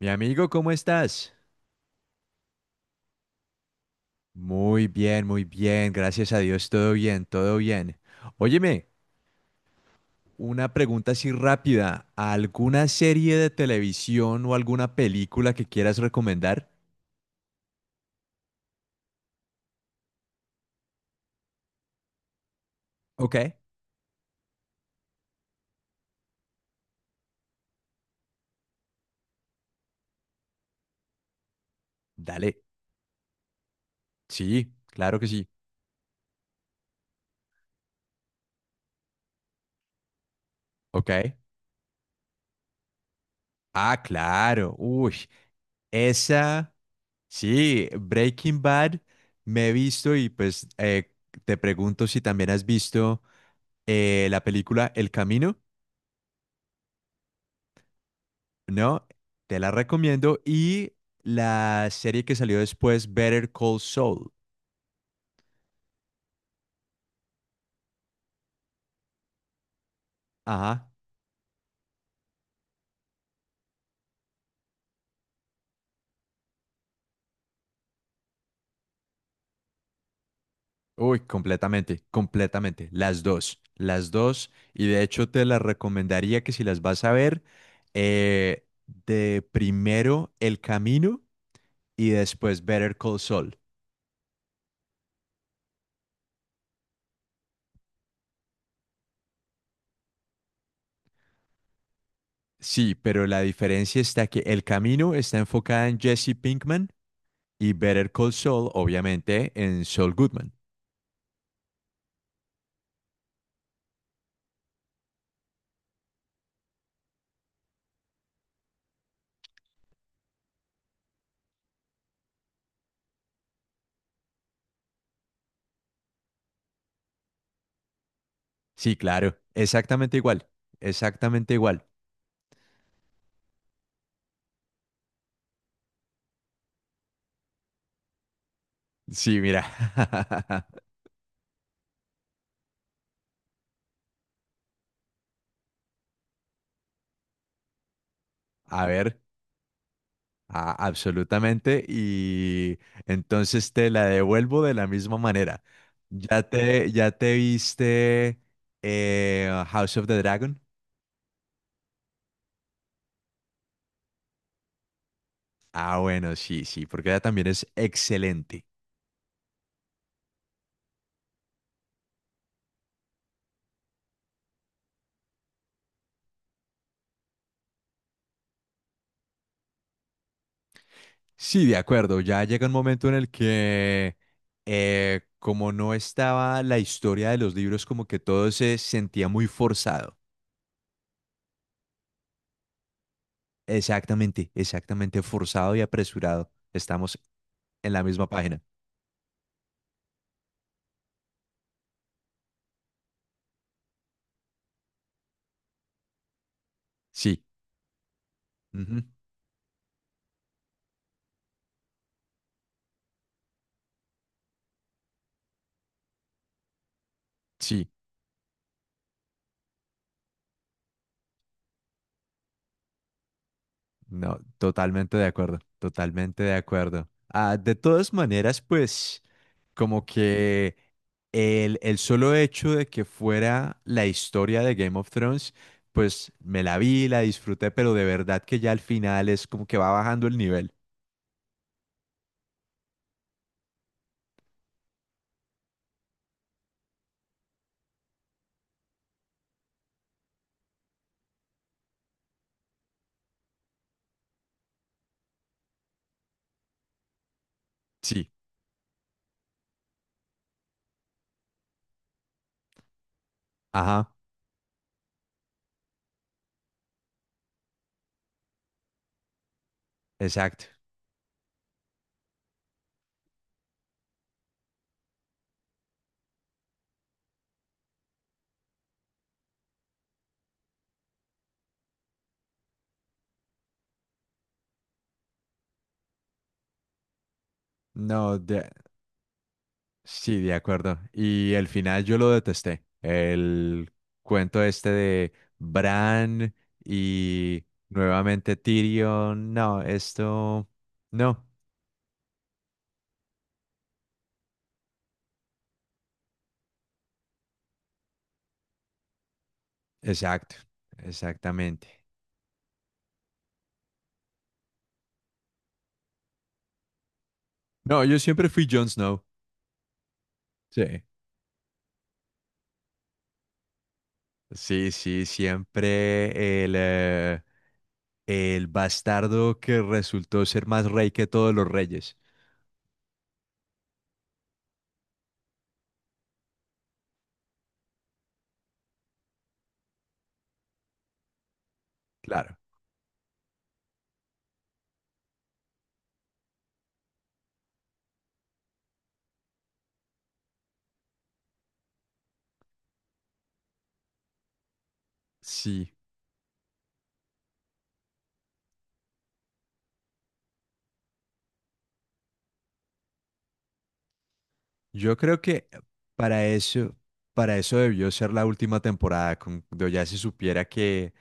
Mi amigo, ¿cómo estás? Muy bien, gracias a Dios, todo bien, todo bien. Óyeme, una pregunta así rápida. ¿Alguna serie de televisión o alguna película que quieras recomendar? Ok, dale. Sí, claro que sí. Ok. Ah, claro. Uy, esa, sí, Breaking Bad me he visto y pues te pregunto si también has visto la película El Camino. No, te la recomiendo. Y la serie que salió después, Better Call Saul. Ajá. Uy, completamente, completamente. Las dos, las dos. Y de hecho te las recomendaría que si las vas a ver, eh, de primero El Camino y después Better Call Saul. Sí, pero la diferencia está que El Camino está enfocada en Jesse Pinkman y Better Call Saul, obviamente, en Saul Goodman. Sí, claro, exactamente igual, exactamente igual. Sí, mira. A ver, absolutamente. Y entonces te la devuelvo de la misma manera. ¿Ya te viste House of the Dragon? Ah, bueno, sí, sí, porque ella también es excelente. Sí, de acuerdo. Ya llega un momento en el que como no estaba la historia de los libros, como que todo se sentía muy forzado. Exactamente, exactamente forzado y apresurado. Estamos en la misma página. Sí, ujú, sí, no, totalmente de acuerdo, totalmente de acuerdo. Ah, de todas maneras, pues, como que el solo hecho de que fuera la historia de Game of Thrones, pues me la vi, la disfruté, pero de verdad que ya al final es como que va bajando el nivel. Sí, ajá, exacto. No, de- Sí, de acuerdo. Y el final yo lo detesté. El cuento este de Bran y nuevamente Tyrion. No, esto... No, exacto, exactamente. No, yo siempre fui Jon Snow. Sí. Sí, sí, siempre el bastardo que resultó ser más rey que todos los reyes. Claro, sí. Yo creo que para eso, para eso debió ser la última temporada, cuando ya se supiera que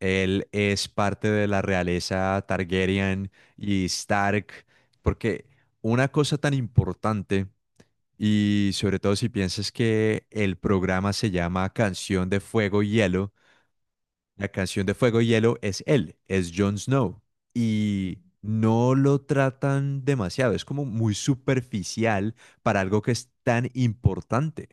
él es parte de la realeza Targaryen y Stark, porque una cosa tan importante, y sobre todo si piensas que el programa se llama Canción de Fuego y Hielo, la canción de Fuego y Hielo es él, es Jon Snow. Y no lo tratan demasiado, es como muy superficial para algo que es tan importante.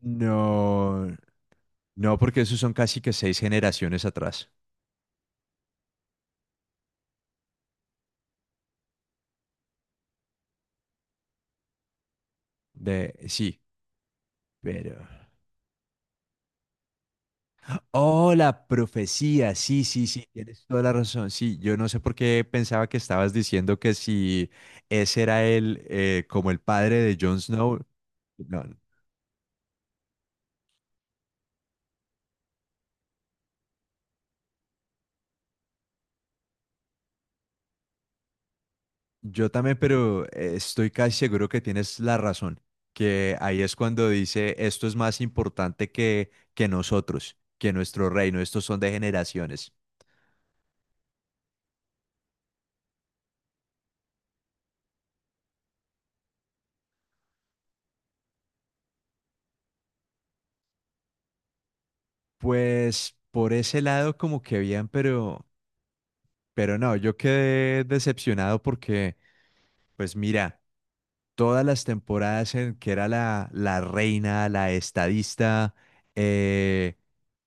No, no, porque esos son casi que seis generaciones atrás. De, sí, pero... Oh, la profecía, sí, sí, sí, tienes toda la razón. Sí, yo no sé por qué pensaba que estabas diciendo que si ese era él, como el padre de Jon Snow. No, yo también, pero estoy casi seguro que tienes la razón, que ahí es cuando dice, esto es más importante que nosotros, que nuestro reino, estos son de generaciones. Pues por ese lado como que bien, pero no, yo quedé decepcionado porque, pues mira, todas las temporadas en que era la reina, la estadista, eh,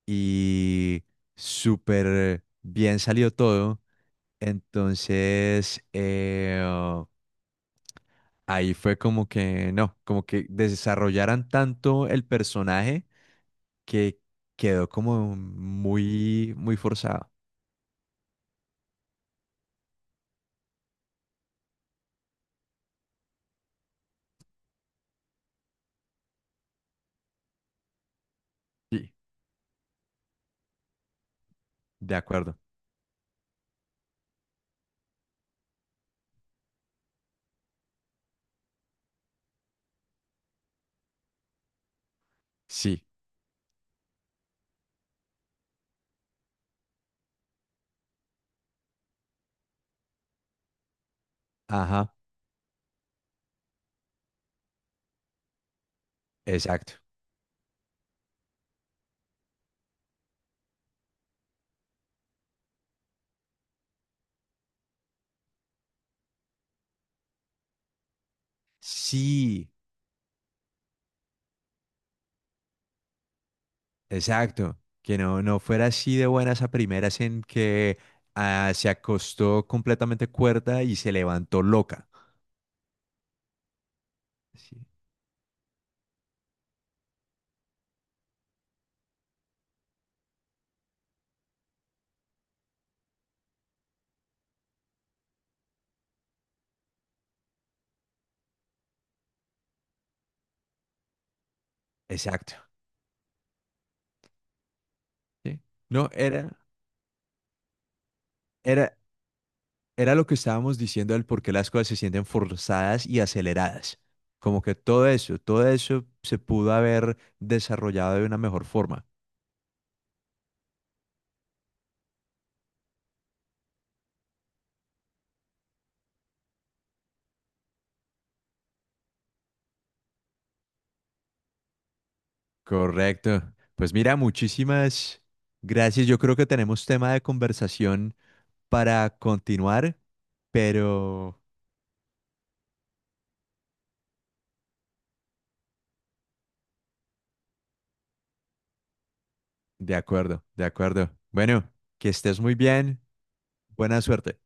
y súper bien salió todo. Entonces, oh, ahí fue como que, no, como que desarrollaran tanto el personaje que quedó como muy, muy forzado. Sí. De acuerdo. Sí, ajá, exacto. Sí, exacto. Que no, no fuera así de buenas a primeras en que ah, se acostó completamente cuerda y se levantó loca. Sí, exacto. Sí. No, era... Era, era lo que estábamos diciendo del por qué las cosas se sienten forzadas y aceleradas. Como que todo eso se pudo haber desarrollado de una mejor forma. Correcto. Pues mira, muchísimas gracias. Yo creo que tenemos tema de conversación para continuar, pero de acuerdo, de acuerdo. Bueno, que estés muy bien. Buena suerte.